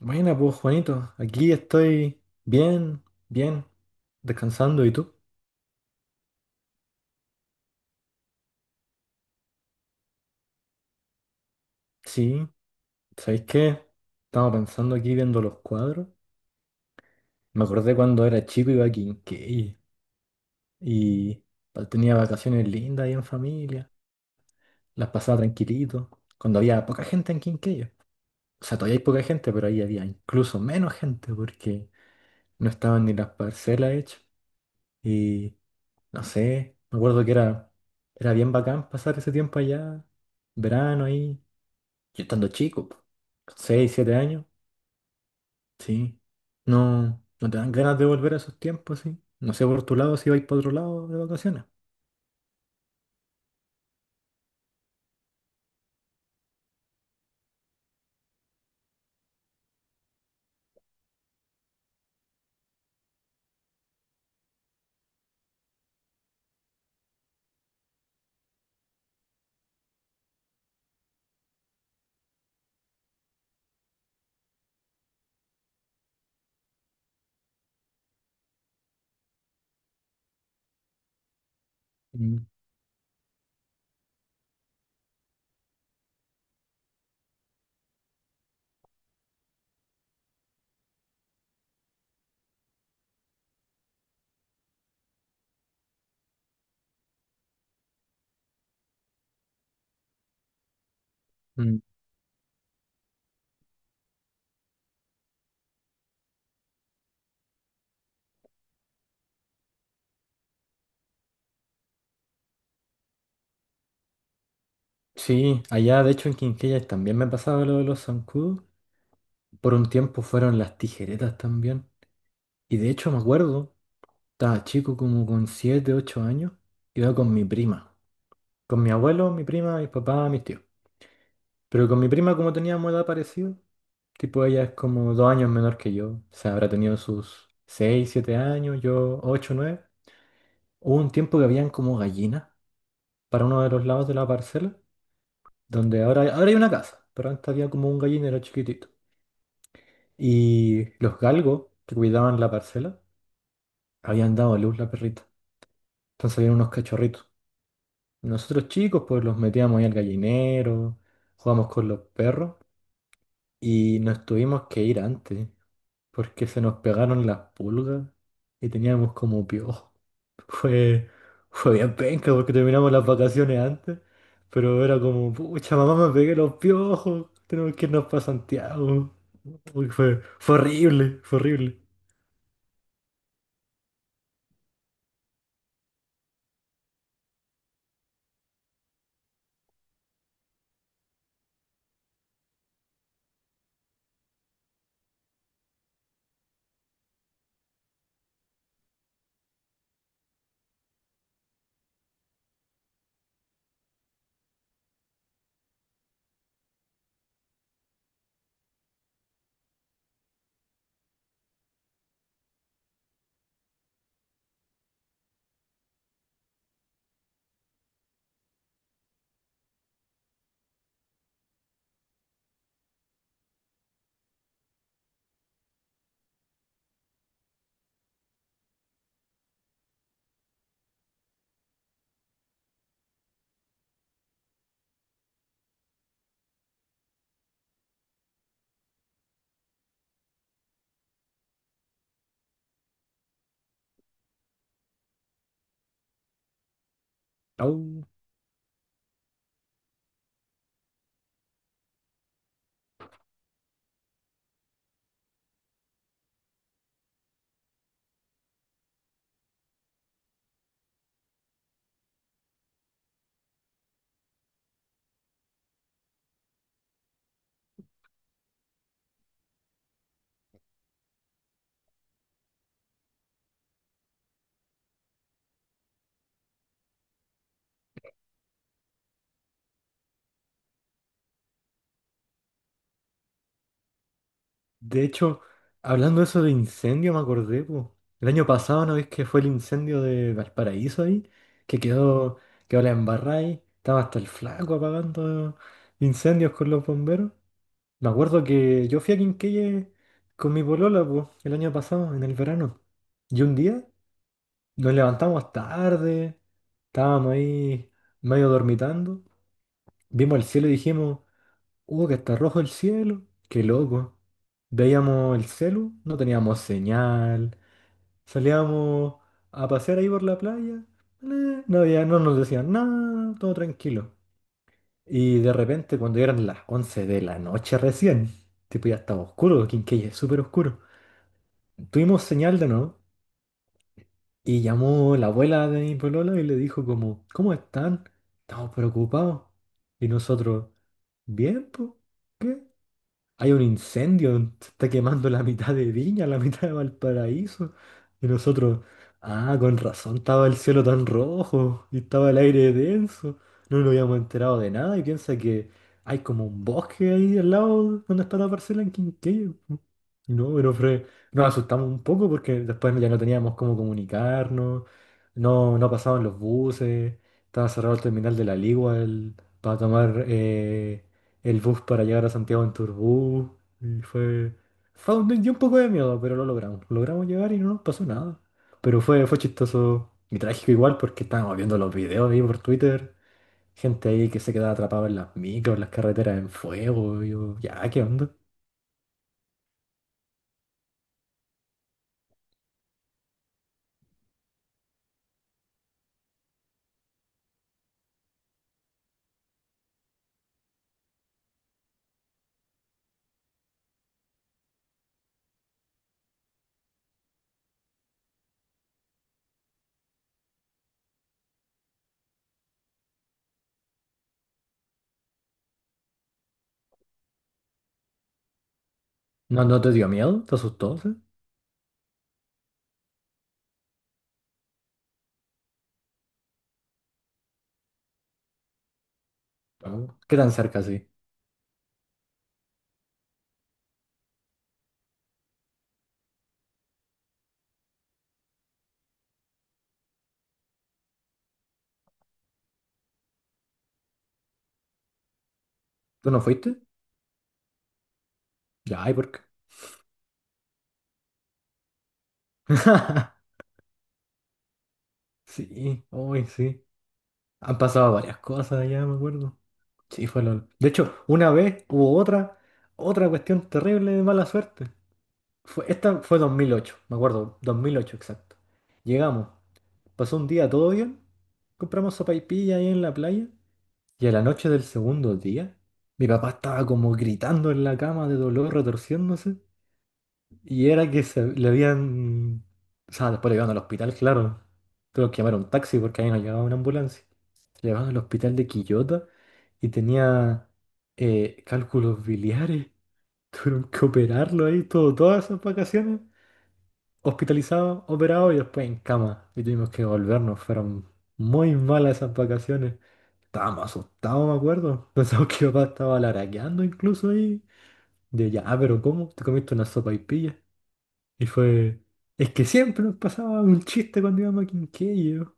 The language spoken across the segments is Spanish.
Buena, pues Juanito, aquí estoy bien, bien, descansando. ¿Y tú? Sí, ¿sabéis qué? Estaba pensando aquí viendo los cuadros. Me acordé cuando era chico iba a Quinquegui y tenía vacaciones lindas ahí en familia, las pasaba tranquilito, cuando había poca gente en Quinquegui. O sea, todavía hay poca gente, pero ahí había incluso menos gente porque no estaban ni las parcelas hechas. Y no sé, me acuerdo que era bien bacán pasar ese tiempo allá verano ahí. Yo estando chico, po, con 6, años, sí. No, no te dan ganas de volver a esos tiempos, sí. No sé por tu lado si vais para otro lado de vacaciones. Mm, mm. Sí, allá de hecho en Quinquellas también me pasaba lo de los zancudos. Por un tiempo fueron las tijeretas también. Y de hecho me acuerdo, estaba chico como con 7 8 años, iba con mi prima. Con mi abuelo, mi prima, mis papás, mis tíos. Pero con mi prima como teníamos edad parecida, tipo, ella es como 2 años menor que yo. O sea, habrá tenido sus 6, 7 años, yo 8, 9. Hubo un tiempo que habían como gallinas para uno de los lados de la parcela, donde ahora hay una casa, pero antes había como un gallinero chiquitito. Y los galgos que cuidaban la parcela habían dado a luz la perrita. Entonces habían unos cachorritos. Nosotros chicos, pues los metíamos ahí al gallinero, jugamos con los perros y nos tuvimos que ir antes porque se nos pegaron las pulgas y teníamos como piojo. Fue, fue bien penca porque terminamos las vacaciones antes, pero era como, pucha, mamá, me pegué los piojos, tenemos que irnos para Santiago. Uy, fue horrible, fue horrible. Au. De hecho, hablando de eso de incendio, me acordé, po. El año pasado, ¿no ves que fue el incendio de Valparaíso ahí? Que quedó la embarrada ahí, estaba hasta el flaco apagando incendios con los bomberos. Me acuerdo que yo fui a Quinquelle con mi polola, po, el año pasado, en el verano. Y un día nos levantamos tarde, estábamos ahí medio dormitando, vimos el cielo y dijimos, oh, que está rojo el cielo, qué loco. Veíamos el celu, no teníamos señal, salíamos a pasear ahí por la playa, no nos decían nada, todo tranquilo. Y de repente, cuando eran las 11 de la noche recién, tipo ya estaba oscuro, Quinqué es súper oscuro, tuvimos señal de nuevo y llamó la abuela de mi polola y le dijo como, ¿cómo están? Estamos preocupados. Y nosotros, bien, pues, hay un incendio, se está quemando la mitad de Viña, la mitad de Valparaíso. Y nosotros, ah, con razón estaba el cielo tan rojo y estaba el aire denso. No nos habíamos enterado de nada y piensa que hay como un bosque ahí al lado donde está la parcela en Quinquello. No, pero nos asustamos un poco porque después ya no teníamos cómo comunicarnos, no pasaban los buses, estaba cerrado el terminal de la Ligua para tomar el bus para llegar a Santiago en Turbú. Y dio un poco de miedo, pero lo logramos. Logramos llegar y no nos pasó nada. Pero fue chistoso y trágico igual porque estábamos viendo los videos ahí por Twitter. Gente ahí que se quedaba atrapada en las micros, en las carreteras en fuego, y yo, ya, ¿qué onda? ¿No te dio miedo? ¿Te asustó? ¿Sí? No. ¿Qué tan cerca sí? ¿Tú no fuiste? Ya, ¿y por qué? Sí, hoy sí. Han pasado varias cosas ya, me acuerdo. Sí, fue LOL. De hecho, una vez hubo otra cuestión terrible de mala suerte. Esta fue 2008 me acuerdo, 2008 exacto. Llegamos, pasó un día todo bien, compramos sopaipilla ahí en la playa y a la noche del segundo día, mi papá estaba como gritando en la cama de dolor, retorciéndose y era que se le habían... O sea, después le llevaron al hospital, claro. Tuvo que llamar a un taxi porque ahí no llegaba una ambulancia llevado al hospital de Quillota y tenía cálculos biliares. Tuvieron que operarlo ahí todas esas vacaciones. Hospitalizado, operado y después en cama. Y tuvimos que volvernos. Fueron muy malas esas vacaciones. Estábamos asustados, me acuerdo. Pensamos que mi papá estaba laraqueando incluso ahí. De ya, "Ah, pero ¿cómo? Te comiste una sopa y pilla. Y fue. Es que siempre nos pasaba un chiste cuando íbamos a Quinquello.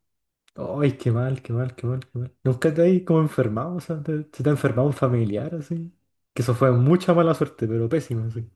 Ay, qué mal, qué mal, qué mal, qué mal. ¿Nunca te has como enfermado? O sea, ¿se te ha enfermado un familiar así? Que eso fue mucha mala suerte, pero pésima, así.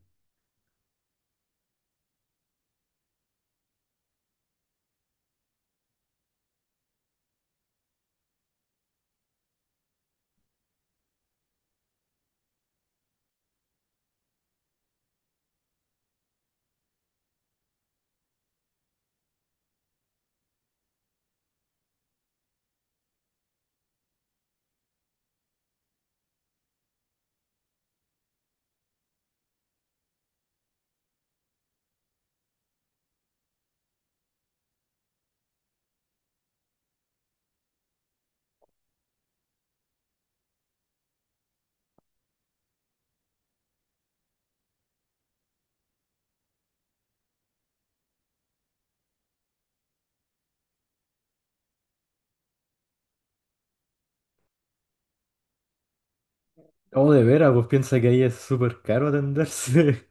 Oh, de veras, pues piensa que ahí es súper caro atenderse.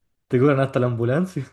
Te cobran hasta la ambulancia.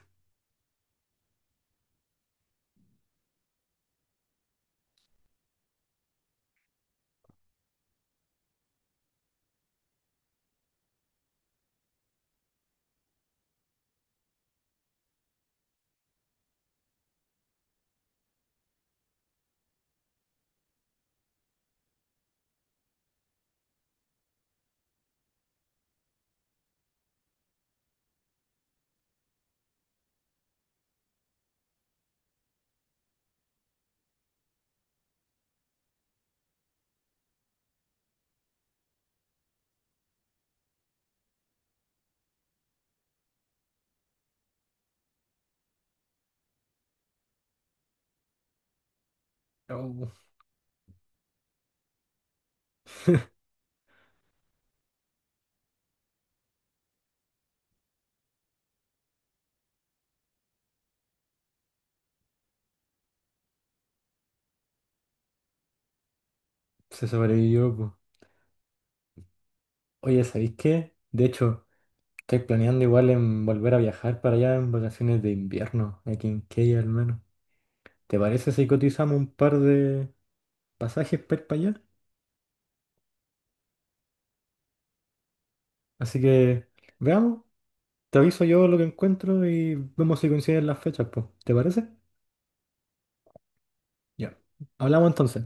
Oh, se sobrevivió, pues. Oye, ¿sabéis qué? De hecho, estoy planeando igual en volver a viajar para allá en vacaciones de invierno, aquí en Key al menos. ¿Te parece si cotizamos un par de pasajes para ir para allá? Así que, veamos. Te aviso yo lo que encuentro y vemos si coinciden las fechas, pues. ¿Te parece? Ya. Hablamos entonces.